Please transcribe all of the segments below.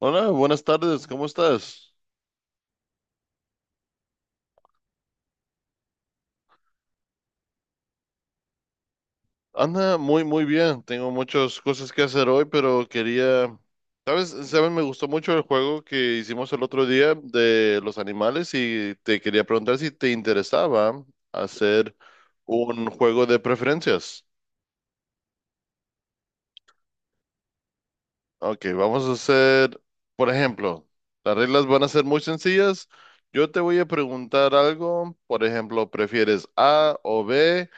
Hola, buenas tardes, ¿cómo estás? Anda, muy, muy bien. Tengo muchas cosas que hacer hoy, pero quería... ¿Sabes? Me gustó mucho el juego que hicimos el otro día de los animales y te quería preguntar si te interesaba hacer un juego de preferencias. Ok, vamos a hacer, por ejemplo, las reglas van a ser muy sencillas. Yo te voy a preguntar algo, por ejemplo, ¿prefieres A o B?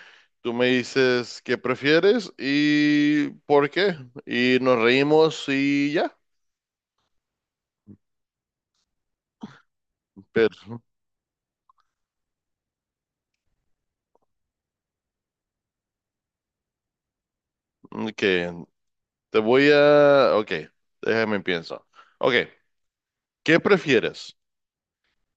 Tú me dices qué prefieres y por qué. Y nos reímos y ya. Pero, mm, que Te voy a... Ok, déjame pienso. Ok, ¿qué prefieres?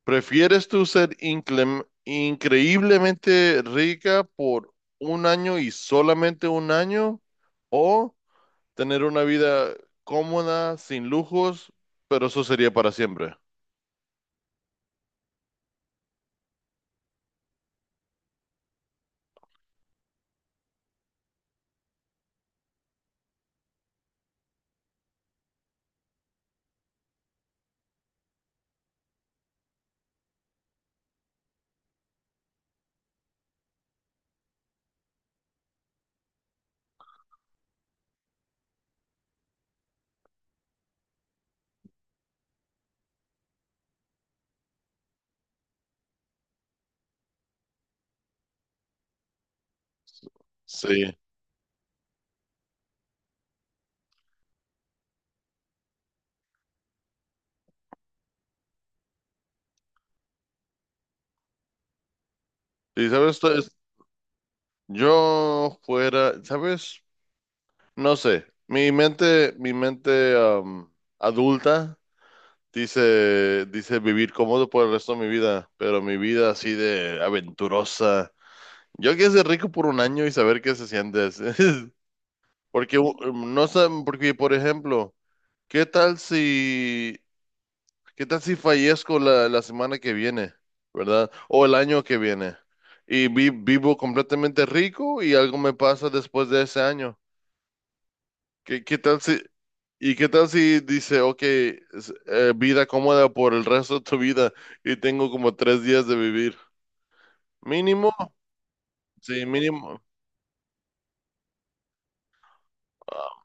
¿Prefieres tú ser increíblemente rica por un año y solamente un año? ¿O tener una vida cómoda, sin lujos, pero eso sería para siempre? Sí. Y sabes, yo fuera, ¿sabes? No sé, mi mente adulta dice vivir cómodo por el resto de mi vida, pero mi vida así de aventurosa. Yo quiero ser rico por un año y saber qué se siente. Porque no saben, porque por ejemplo, ¿qué tal si, qué tal si fallezco la semana que viene, ¿verdad? O el año que viene. Y vivo completamente rico y algo me pasa después de ese año. ¿Qué, qué tal si, y qué tal si dice, ok, vida cómoda por el resto de tu vida y tengo como tres días de vivir. Mínimo, sí, mínimo. Ah,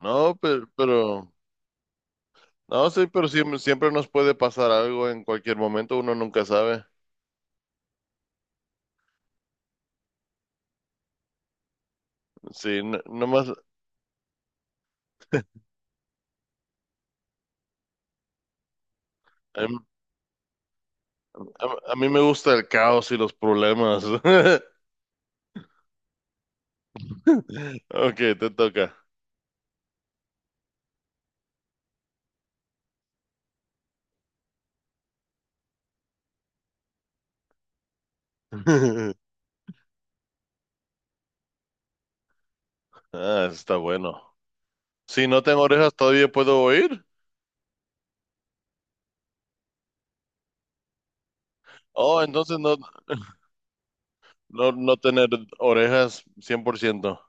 No, pero, no, sí, pero siempre, siempre nos puede pasar algo en cualquier momento, uno nunca sabe. Sí, no, nomás, em, a mí me gusta el caos y los problemas. Ok, te toca. Ah, está bueno. Si no tengo orejas, todavía puedo oír. Oh, entonces no. No, no tener orejas 100%.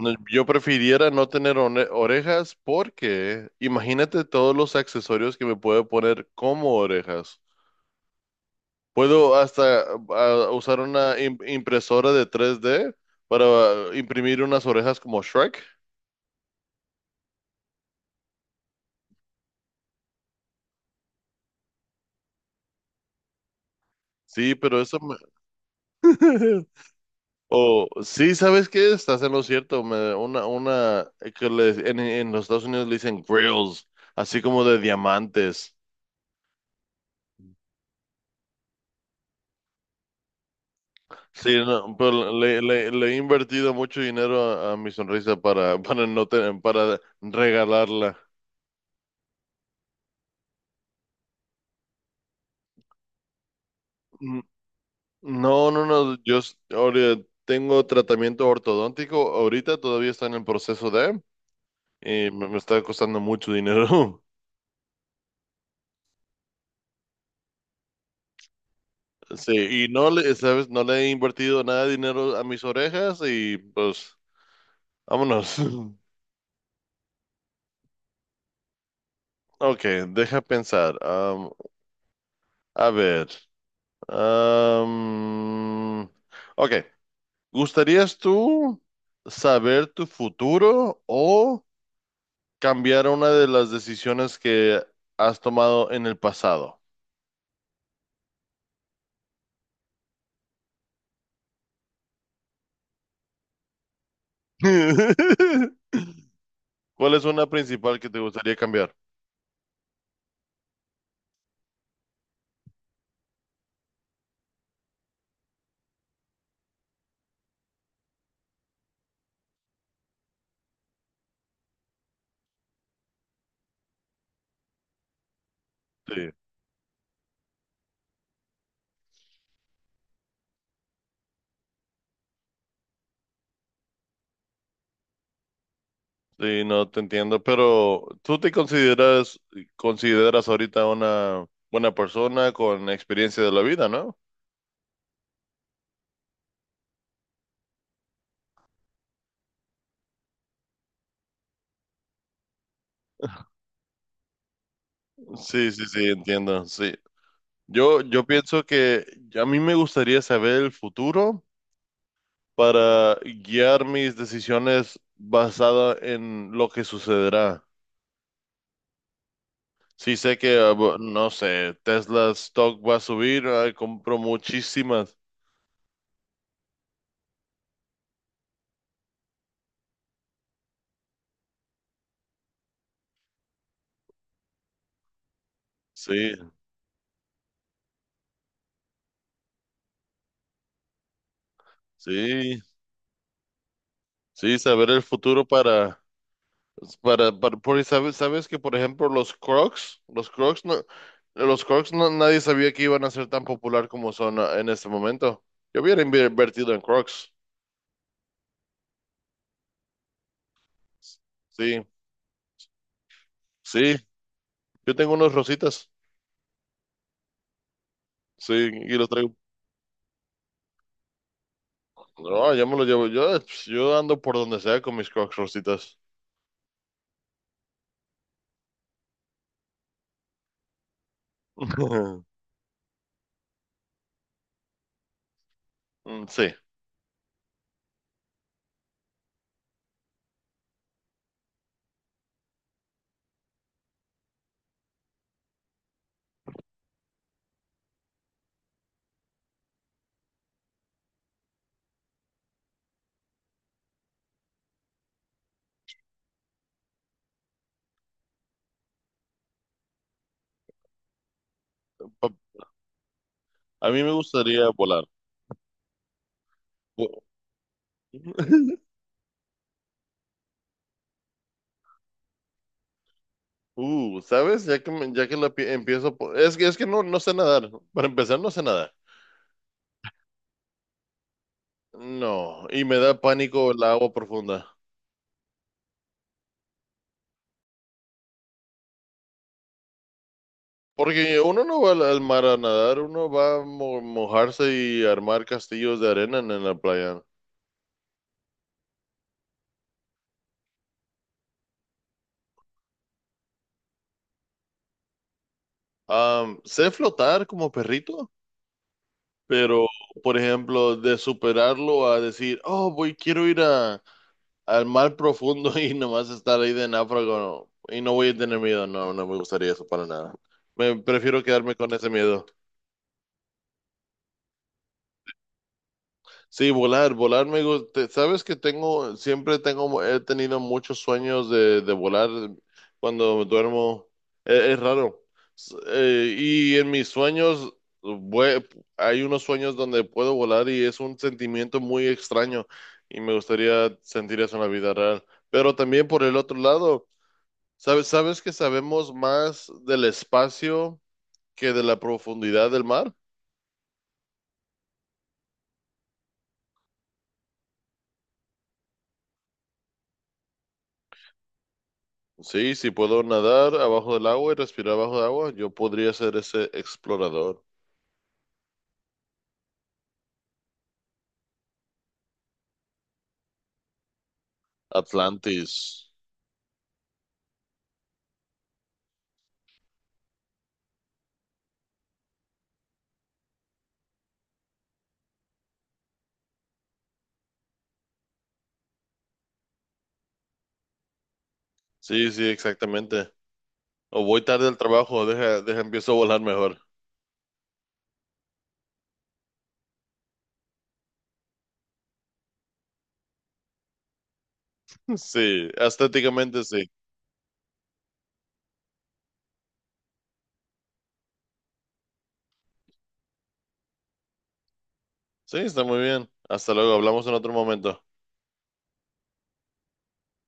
No, yo prefiriera no tener orejas porque imagínate todos los accesorios que me puedo poner como orejas. Puedo hasta usar una impresora de tres d para imprimir unas orejas como Shrek. Sí, pero eso me... O sí, ¿sabes qué? Estás en lo cierto. Una en los Estados Unidos le dicen grills, así como de diamantes. Sí, no, pero le he invertido mucho dinero a mi sonrisa para, para no tener, para regalarla. Mm, no, ahora tengo tratamiento ortodóntico, ahorita todavía está en el proceso de, y me está costando mucho dinero. Sí, y no le, sabes, no le he invertido nada de dinero a mis orejas y pues, vámonos. Ok, deja pensar. A ver. am, ok. ¿Gustarías tú saber tu futuro o cambiar una de las decisiones que has tomado en el pasado? ¿Cuál es una principal que te gustaría cambiar? Sí, sí, no te entiendo, pero ¿tú te consideras ahorita una buena persona con experiencia de la vida, ¿no? Sí, sí, sí, entiendo, sí. Yo pienso que a mí me gustaría saber el futuro para guiar mis decisiones basada en lo que sucederá. Sí sé que, no sé, Tesla stock va a subir, ay, compro muchísimas. Sí, sí, sí, saber el futuro para, para porque sabes, sabes que, por ejemplo, los Crocs, los Crocs no, nadie sabía que iban a ser tan popular como son en este momento. Yo hubiera invertido en Crocs. Sí, sí, yo tengo unos rositas, sí, y los traigo. No, yo me lo llevo. Yo ando por donde sea con mis Crocs rositas. Mm, sí. Pa- A mí me gustaría volar. ¿Sabes? Ya que, me- ya que la pi- empiezo por- es que no, no sé nadar. Para empezar, no sé nadar. No, y me da pánico el agua profunda. Porque uno no va al mar a nadar, uno va a mojarse y armar castillos de arena en la playa. Am, sé flotar como perrito, pero, por ejemplo, de superarlo a decir, oh, voy, quiero ir a, al mar profundo y nomás estar ahí de náufrago no, y no voy a tener miedo, no, no me gustaría eso para nada. Me prefiero quedarme con ese miedo. Sí, volar, volar me gusta. Sabes que tengo, siempre tengo, he tenido muchos sueños de volar cuando duermo. E- Es raro. Y en mis sueños, vue- hay unos sueños donde puedo volar y es un sentimiento muy extraño y me gustaría sentir eso en la vida real. Pero también por el otro lado, sabes, sabes que sabemos más del espacio que de la profundidad del mar. Sí, si puedo nadar abajo del agua y respirar abajo del agua, yo podría ser ese explorador. Atlantis. Sí, sí, exactamente. O voy tarde al trabajo, deja, deja, empiezo a volar mejor. Sí, estéticamente sí. Sí, está muy bien. Hasta luego, hablamos en otro momento.